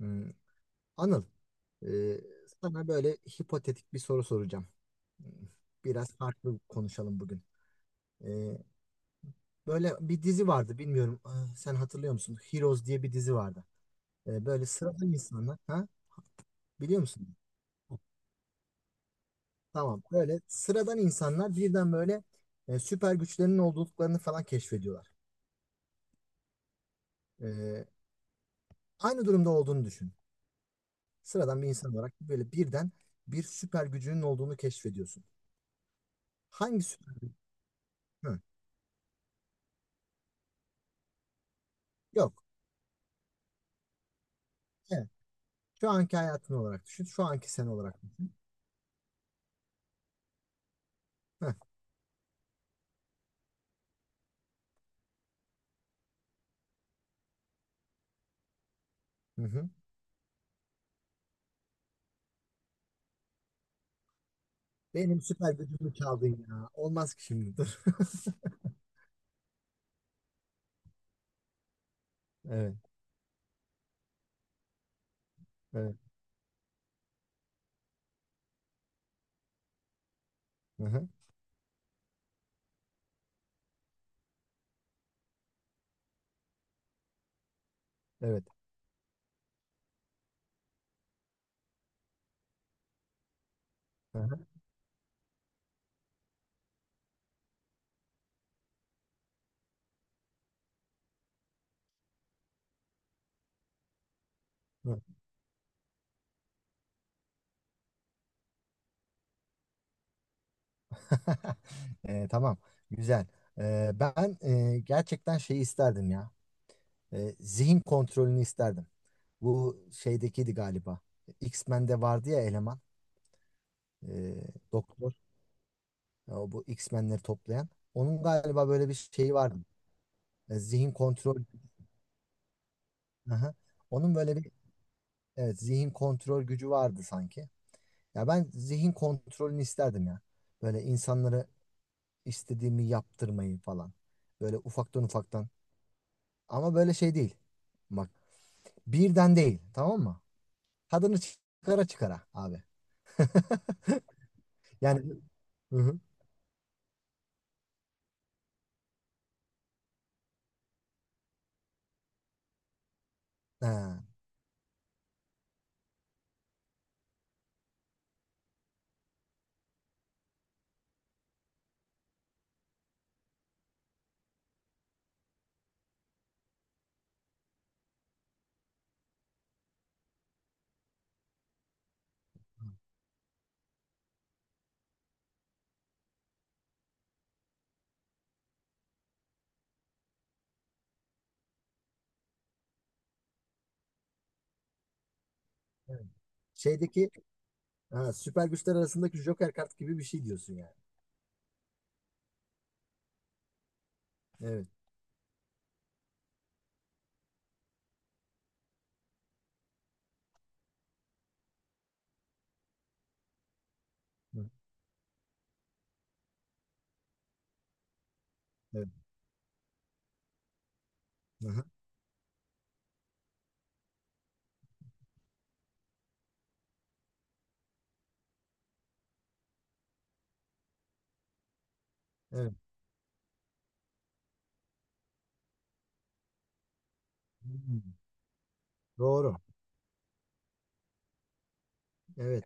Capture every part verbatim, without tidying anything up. Hmm, Anıl, e, sana böyle hipotetik bir soru soracağım. Hmm, biraz farklı konuşalım bugün. E, Böyle bir dizi vardı, bilmiyorum e, sen hatırlıyor musun? Heroes diye bir dizi vardı. E, böyle sıradan insanlar, ha? Biliyor musun? Tamam, böyle sıradan insanlar birden böyle e, süper güçlerinin olduklarını falan keşfediyorlar. E, Aynı durumda olduğunu düşün. Sıradan bir insan olarak böyle birden bir süper gücünün olduğunu keşfediyorsun. Hangi süper? Hı, yok. Şu anki hayatın olarak düşün. Şu anki sen olarak düşün. Heh, hı hı. Benim süper gücümü çaldın ya. Olmaz ki şimdi dur. Evet. Evet. Hı hı. Evet. Hı hı. Hı. Ee, tamam. Güzel. Ee, ben e, gerçekten şeyi isterdim ya. Ee, zihin kontrolünü isterdim. Bu şeydekiydi galiba. X-Men'de vardı ya eleman. e, Doktor. O bu X-Men'leri toplayan. Onun galiba böyle bir şeyi vardı. E, zihin kontrol. Hı hı. Onun böyle bir evet zihin kontrol gücü vardı sanki. Ya ben zihin kontrolünü isterdim ya. Böyle insanları istediğimi yaptırmayı falan. Böyle ufaktan ufaktan. Ama böyle şey değil. Bak, birden değil, tamam mı? Tadını çıkara çıkara abi. Yani hı hı. Ha, evet. Şeydeki ha, süper güçler arasındaki Joker kart gibi bir şey diyorsun yani. Evet. Hı, evet. Aha, evet. Hmm, doğru. Evet.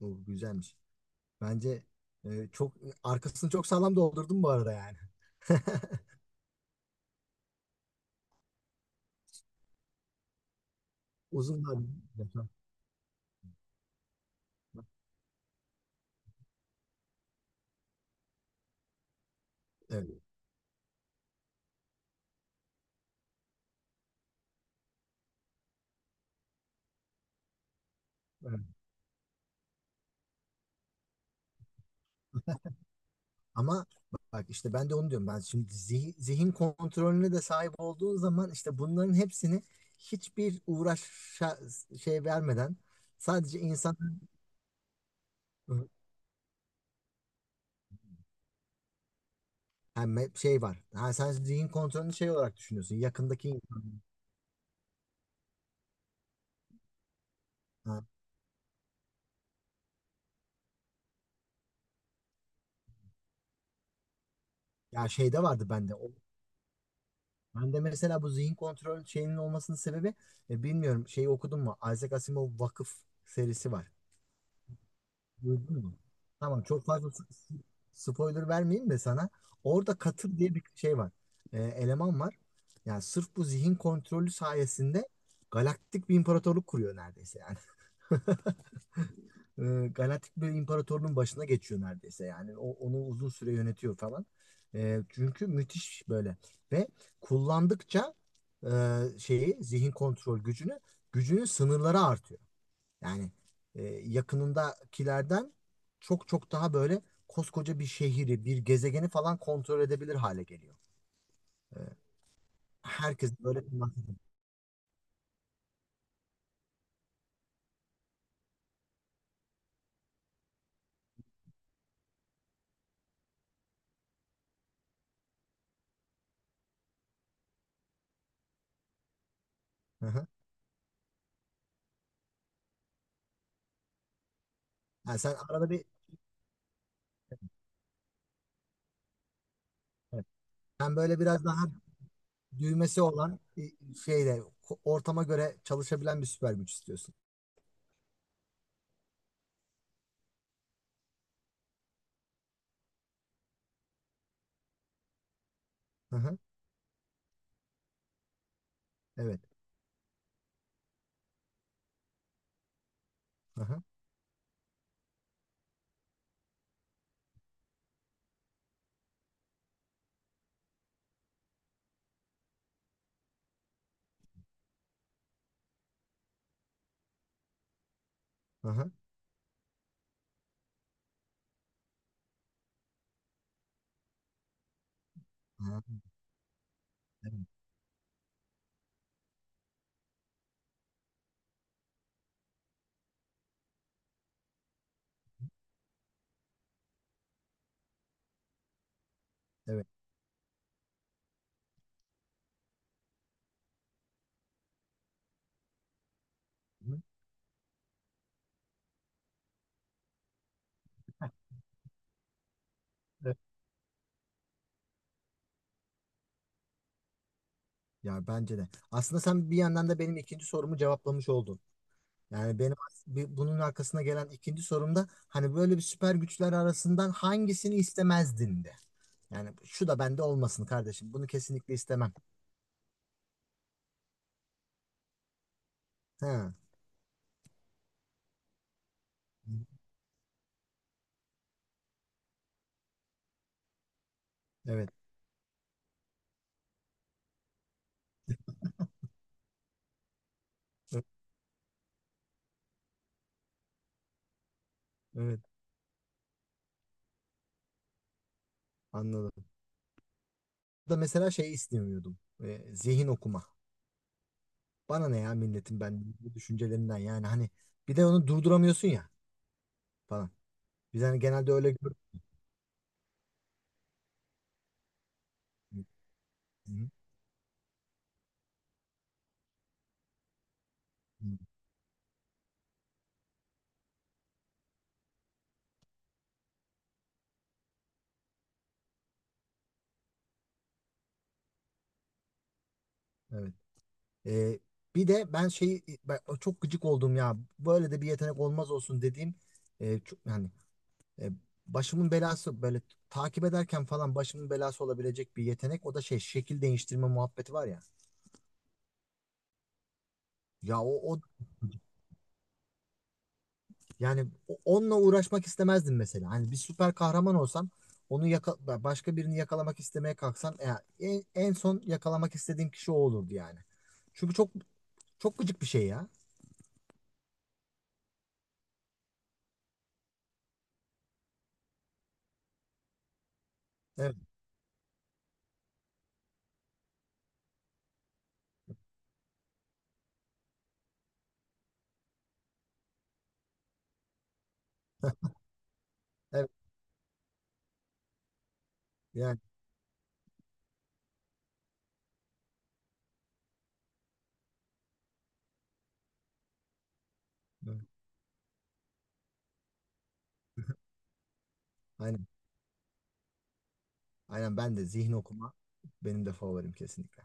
Bu güzelmiş. Bence e, çok e, arkasını çok sağlam doldurdum bu arada yani. Uzunlar. Evet. Evet. Ama bak işte ben de onu diyorum. Ben şimdi zihin, zihin kontrolüne de sahip olduğun zaman işte bunların hepsini hiçbir uğraşa şey vermeden sadece insan yani şey var. Ha, sen zihin kontrolünü şey olarak düşünüyorsun. Yakındaki insan. Ha, ya şeyde vardı bende. O, ben de mesela bu zihin kontrol şeyinin olmasının sebebi e, bilmiyorum şeyi okudun mu? Isaac Asimov Vakıf serisi var. Duydun mu? Tamam, çok fazla s- s- spoiler vermeyeyim de sana. Orada Katır diye bir şey var. E, eleman var. Yani sırf bu zihin kontrolü sayesinde galaktik bir imparatorluk kuruyor neredeyse yani. e, Galaktik bir imparatorluğun başına geçiyor neredeyse yani o, onu uzun süre yönetiyor falan. E, çünkü müthiş böyle ve kullandıkça e, şeyi zihin kontrol gücünü gücünün sınırları artıyor. Yani e, yakınındakilerden çok çok daha böyle koskoca bir şehri bir gezegeni falan kontrol edebilir hale geliyor. Herkes böyle kullanıyor. Hı hı. Yani sen arada bir evet. Sen böyle biraz daha düğmesi olan e, şeyle ko- ortama göre çalışabilen bir süper güç istiyorsun. Hı hı, evet. Hı hı, hı hı, hı hı, evet. Evet. Hı hı, evet. Ya bence de. Aslında sen bir yandan da benim ikinci sorumu cevaplamış oldun. Yani benim as- bir- bunun arkasına gelen ikinci sorumda hani böyle bir süper güçler arasından hangisini istemezdin de. Yani şu da bende olmasın kardeşim. Bunu kesinlikle istemem. Ha. Evet. Evet. Evet, anladım. Da mesela şey istemiyordum. E, zihin okuma. Bana ne ya milletin ben bu düşüncelerinden yani hani bir de onu durduramıyorsun ya falan. Biz hani genelde öyle görüyoruz. Evet. Ee, bir de ben şey ben çok gıcık oldum ya. Böyle de bir yetenek olmaz olsun dediğim e, çok yani e, başımın belası böyle takip ederken falan başımın belası olabilecek bir yetenek. O da şey şekil değiştirme muhabbeti var ya. Ya o, o yani o- onunla uğraşmak istemezdim mesela. Hani bir süper kahraman olsam onu yaka- başka birini yakalamak istemeye kalksam ya en, en son yakalamak istediğim kişi o olurdu yani. Çünkü çok çok gıcık bir şey ya. Evet, evet yani evet. Aynen. Aynen ben de zihin okuma benim de favorim kesinlikle.